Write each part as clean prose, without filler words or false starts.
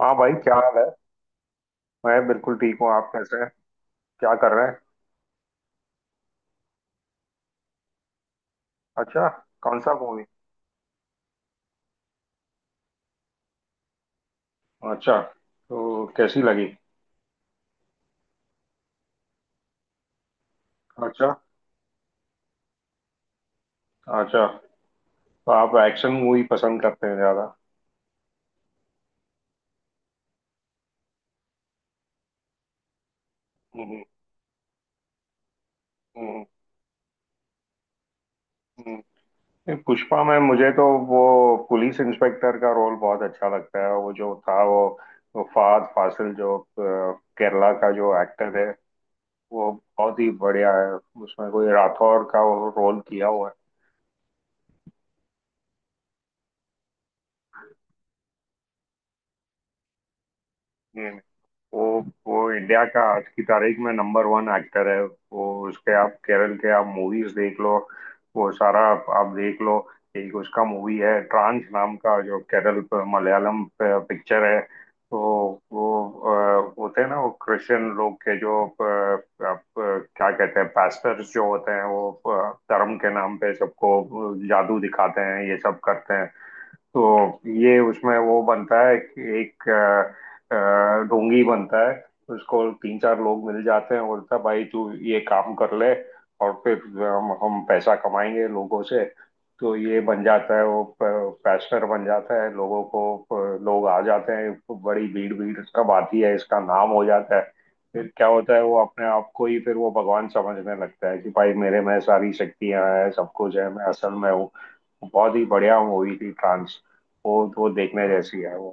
हाँ भाई, क्या हाल है। मैं बिल्कुल ठीक हूँ, आप कैसे हैं? क्या कर रहे हैं? अच्छा। कौन सा मूवी? अच्छा, तो कैसी लगी? अच्छा। अच्छा, तो आप एक्शन मूवी पसंद करते हैं ज्यादा? हम्म। हम्म, हम्म। नहीं, पुष्पा में मुझे तो वो पुलिस इंस्पेक्टर का रोल बहुत अच्छा लगता है। वो जो था वो, फहद फासिल जो केरला का जो एक्टर है। वो बहुत ही बढ़िया है। उसमें कोई राठौर का वो रोल किया हुआ है। वो वो इंडिया का आज की तारीख में नंबर वन एक्टर है। वो उसके आप केरल के आप मूवीज देख लो। वो सारा आप, देख लो। एक उसका मूवी है ट्रांस नाम का, जो केरल पे, मलयालम पे पिक्चर है। तो वो होते हैं ना, वो क्रिश्चियन लोग के जो आप, क्या कहते हैं, पास्टर्स जो होते हैं, वो धर्म के नाम पे सबको जादू दिखाते हैं, ये सब करते हैं। तो ये, उसमें वो बनता है कि एक अ, ढोंगी बनता है। उसको 3-4 लोग मिल जाते हैं, बोलता है भाई तू ये काम कर ले, और फिर हम पैसा कमाएंगे लोगों से। तो ये बन जाता है, वो पैशनर बन जाता है लोगों को। लोग आ जाते हैं, बड़ी भीड़ भीड़ सब आती है, इसका नाम हो जाता है। फिर क्या होता है, वो अपने आप को ही फिर वो भगवान समझने लगता है कि भाई मेरे में सारी शक्तियां हैं, सब कुछ है, मैं असल में हूँ। बहुत ही बढ़िया मूवी थी ट्रांस। वो देखने जैसी है वो।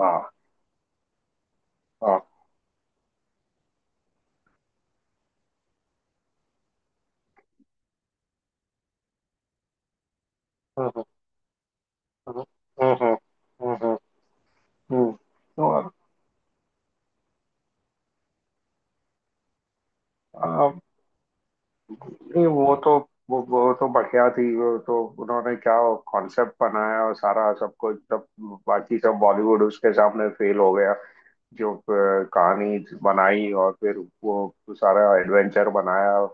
हाँ हाँ। हम्म। हम्म। हम्म। हम्म। तो आ, नहीं, वो तो वो तो बढ़िया थी। वो तो उन्होंने क्या कॉन्सेप्ट बनाया, और सारा सब कुछ, सब बाकी सब बॉलीवुड उसके सामने फेल हो गया। जो कहानी बनाई, और फिर वो सारा एडवेंचर बनाया,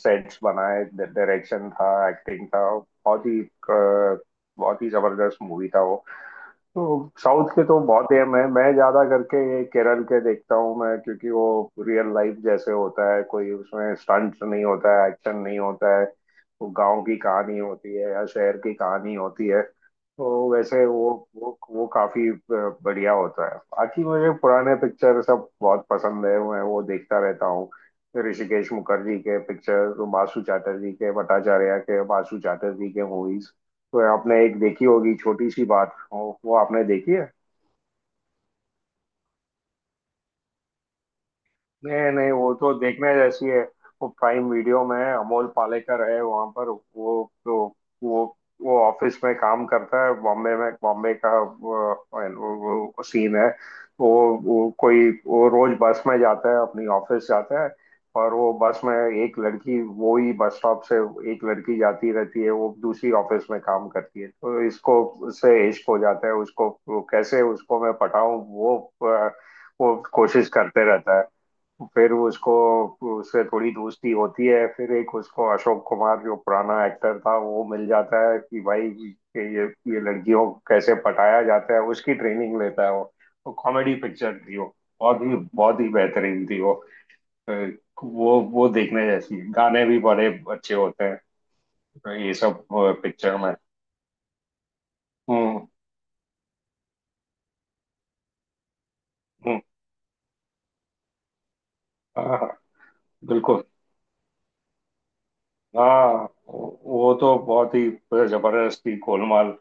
सेट्स बनाए, डायरेक्शन था, एक्टिंग था, बहुत ही बहुत ही जबरदस्त मूवी था वो। तो साउथ के तो बहुत ही, मैं ज्यादा करके ये केरल के देखता हूँ मैं, क्योंकि वो रियल लाइफ जैसे होता है, कोई उसमें स्टंट नहीं होता है, एक्शन नहीं होता है। वो गांव की कहानी होती है या शहर की कहानी होती है। तो वैसे वो, वो काफी बढ़िया होता है। बाकी मुझे पुराने पिक्चर सब बहुत पसंद है, मैं वो देखता रहता हूँ। ऋषिकेश मुखर्जी के पिक्चर, बासु चैटर्जी के, भट्टाचार्य के, बासु चैटर्जी के मूवीज। तो आपने एक देखी होगी छोटी सी बात, वो आपने देखी है? नहीं नहीं, वो तो देखने जैसी है वो। प्राइम वीडियो में है, अमोल पालेकर है वहां पर। वो तो, वो वो ऑफिस में काम करता है बॉम्बे में, बॉम्बे का वो, सीन है। वो वो कोई वो रोज बस में जाता है, अपनी ऑफिस जाता है, और वो बस में एक लड़की, वो ही बस स्टॉप से एक लड़की जाती रहती है, वो दूसरी ऑफिस में काम करती है, तो इसको उससे इश्क हो जाता है। उसको, वो कैसे उसको मैं पटाऊं, वो अ, वो कोशिश करते रहता है। फिर उसको उससे थोड़ी दोस्ती होती है, फिर एक उसको अशोक कुमार, जो पुराना एक्टर था, वो मिल जाता है कि भाई कि ये ये लड़कियों को कैसे पटाया जाता है, उसकी ट्रेनिंग लेता है वो। वो कॉमेडी पिक्चर थी वो। बहुत ही, बहुत ही बेहतरीन थी वो। अ, वो देखने जैसी है। गाने भी बड़े अच्छे होते हैं ये सब पिक्चर में। हम्म। हम्म। हाँ हाँ। बिल्कुल। हाँ, वो तो बहुत ही जबरदस्त थी गोलमाल।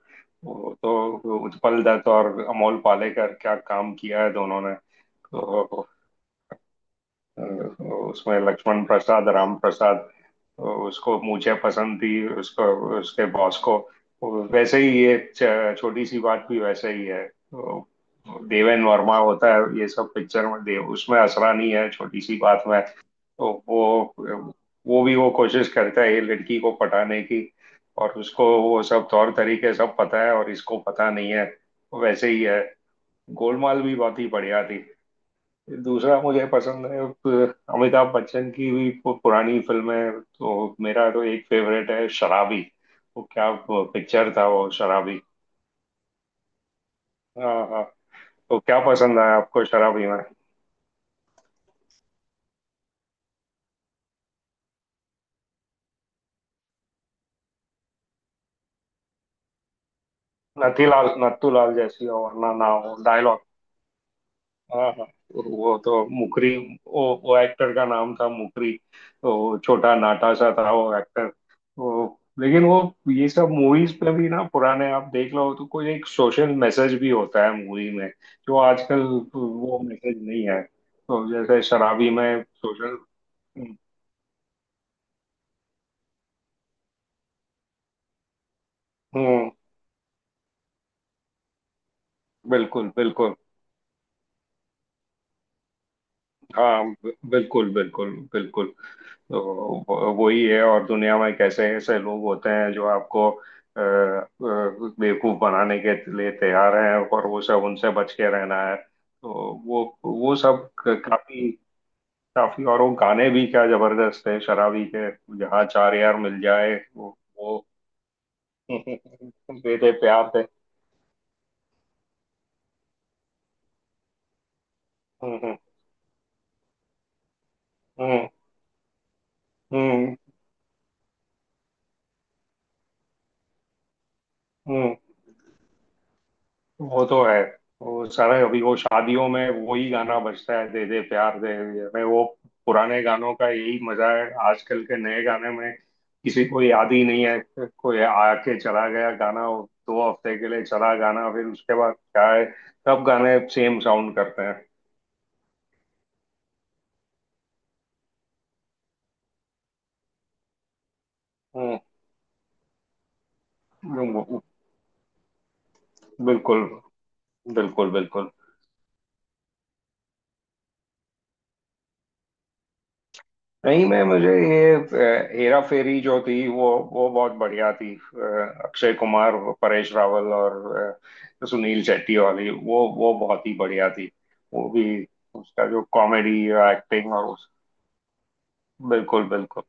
वो तो उत्पल दत्त और अमोल पालेकर, क्या काम किया है दोनों ने। तो उसमें लक्ष्मण प्रसाद, राम प्रसाद, उसको मुझे पसंद थी, उसको उसके बॉस को। वैसे ही ये, छोटी सी बात भी वैसे ही है। तो देवेन वर्मा होता है ये सब पिक्चर में, देव, उसमें असरानी है छोटी सी बात में, तो वो भी वो कोशिश करता है ये लड़की को पटाने की, और उसको वो सब तौर तरीके सब पता है, और इसको पता नहीं है। वैसे ही है। गोलमाल भी बहुत ही बढ़िया थी। दूसरा मुझे पसंद है अमिताभ बच्चन की भी पुरानी फिल्में, तो मेरा तो एक फेवरेट है शराबी। वो क्या पिक्चर था वो शराबी। हाँ हाँ। तो क्या पसंद है आपको शराबी में? नथीलाल नथुलाल जैसी हो वरना ना हो। हाँ हाँ। तो वो तो मुकरी, वो एक्टर का नाम था, मुकरी। तो छोटा नाटा सा था वो एक्टर। वो, लेकिन वो ये सब मूवीज पे भी ना, पुराने आप देख लो तो, कोई एक सोशल मैसेज भी होता है मूवी में, जो आजकल वो मैसेज नहीं है। तो जैसे शराबी में सोशल। हम्म। बिल्कुल बिल्कुल। हाँ बिल्कुल बिल्कुल बिल्कुल। तो वही है, और दुनिया में कैसे ऐसे लोग होते हैं जो आपको अ, अ, बेवकूफ बनाने के लिए तैयार हैं, और वो सब उनसे बच के रहना है। तो वो सब काफी काफी, और वो गाने भी क्या जबरदस्त है शराबी के, जहाँ चार यार मिल जाए वो दे दे प्यार दे। हम्म हम्म हम्म हम्म। हम्म। वो तो है, वो सारा अभी वो शादियों में वही गाना बजता है, दे दे प्यार दे दे में वो। पुराने गानों का यही मजा है, आजकल के नए गाने में किसी को याद ही नहीं है। कोई आके चला गया गाना, वो 2 हफ्ते के लिए चला गाना, फिर उसके बाद क्या है, सब गाने सेम साउंड करते हैं। हम्म, बिल्कुल बिल्कुल बिल्कुल। नहीं, मैं, मुझे ये हेरा फेरी जो थी वो बहुत बढ़िया थी। अक्षय कुमार, परेश रावल, और सुनील शेट्टी वाली, वो बहुत ही बढ़िया थी। वो भी, उसका जो कॉमेडी एक्टिंग और उस। बिल्कुल बिल्कुल।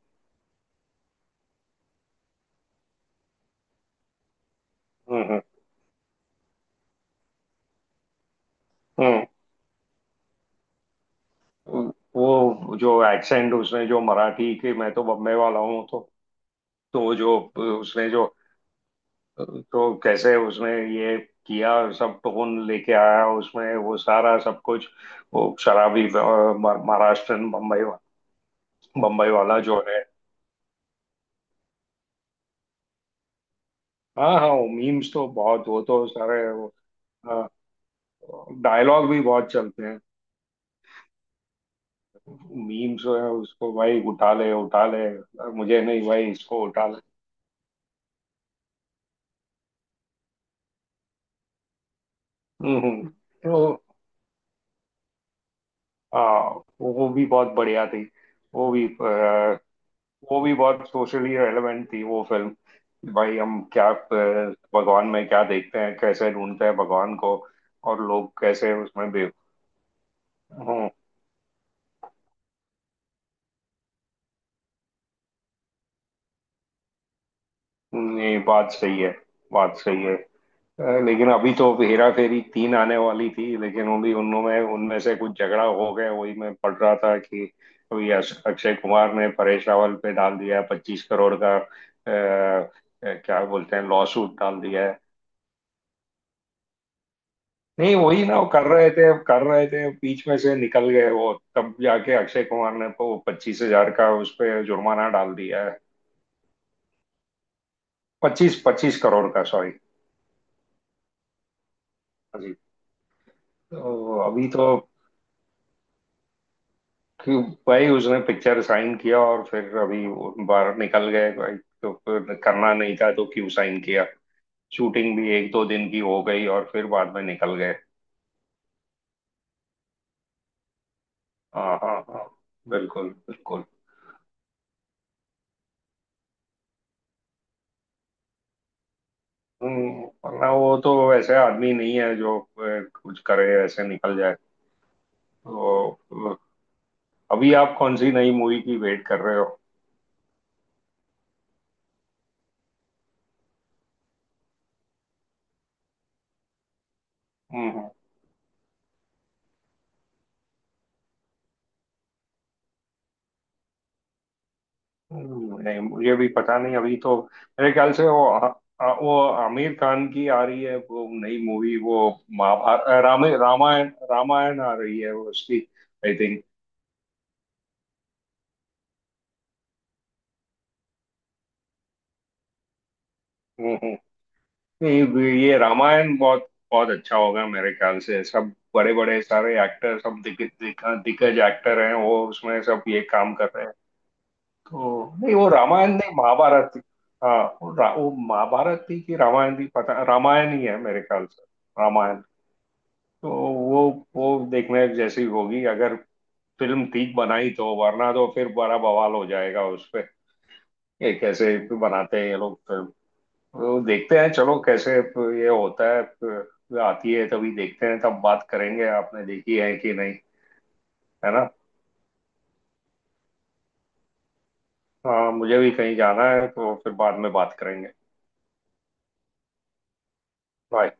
हम्म। हम्म। हम्म। वो जो एक्सेंट उसने, जो मराठी के, मैं तो बम्बे वाला हूँ तो जो उसने जो, तो कैसे उसने ये किया, सब टोन लेके आया उसमें, वो सारा सब कुछ। वो शराबी, महाराष्ट्रन, बम्बई वाला जो है। हाँ हाँ। वो मीम्स तो बहुत, वो तो सारे डायलॉग भी बहुत चलते हैं। मीम्स है उसको, भाई उठा ले, उठा ले, मुझे नहीं, भाई इसको उठा ले। हम्म, हम्म। तो हाँ, वो भी बहुत बढ़िया थी। वो भी, वो भी बहुत सोशली रेलेवेंट थी वो फिल्म। भाई हम क्या भगवान में क्या देखते हैं, कैसे ढूंढते हैं भगवान को, और लोग कैसे उसमें बे। हूँ। ये बात सही है। बात सही है। लेकिन अभी तो हेरा फेरी 3 आने वाली थी, लेकिन अभी उनमें उनमें से कुछ झगड़ा हो गया। वही मैं पढ़ रहा था कि अभी, अक्षय कुमार ने परेश रावल पे डाल दिया 25 करोड़ का क्या बोलते हैं, लॉ सूट डाल दिया है। नहीं वही ना, वो कर रहे थे, बीच में से निकल गए वो, तब जाके अक्षय कुमार ने तो 25 हज़ार का उस पे जुर्माना डाल दिया है। पच्चीस 25 करोड़ का, सॉरी। अभी तो, अभी तो कि भाई, उसने पिक्चर साइन किया और फिर अभी वो बाहर निकल गए भाई। तो फिर करना नहीं था तो क्यों साइन किया। शूटिंग भी 1-2 दिन की हो गई और फिर बाद में निकल गए। हाँ हाँ हाँ, बिल्कुल बिल्कुल। वरना वो तो वैसे आदमी नहीं है जो कुछ करे ऐसे निकल जाए। तो अ, अभी आप कौन सी नई मूवी की वेट कर रहे हो? हम्म। नहीं, मुझे भी पता नहीं अभी तो। मेरे ख्याल से वो, आ, आ, वो आमिर खान की आ रही है वो, नई मूवी वो, महाभारत, रामायण, रामायण, रामायण आ रही है वो उसकी। आई थिंक नहीं, ये रामायण बहुत बहुत अच्छा होगा मेरे ख्याल से। सब बड़े बड़े सारे एक्टर सब, दिग, दिग, दिग्गज एक्टर हैं वो, उसमें सब ये काम कर रहे हैं तो। नहीं, वो रामायण नहीं, महाभारत थी। हाँ वो, वो महाभारत थी कि रामायण थी, पता, रामायण ही है मेरे ख्याल से। रामायण। तो वो देखने जैसी होगी अगर फिल्म ठीक बनाई, तो वरना तो फिर बड़ा बवाल हो जाएगा उस पे। ये कैसे बनाते हैं ये लोग फिल्म, वो देखते हैं चलो कैसे ये होता है। आती है तभी देखते हैं, तब बात करेंगे आपने देखी है कि नहीं, है ना? हाँ, मुझे भी कहीं जाना है, तो फिर बाद में बात करेंगे। बाय।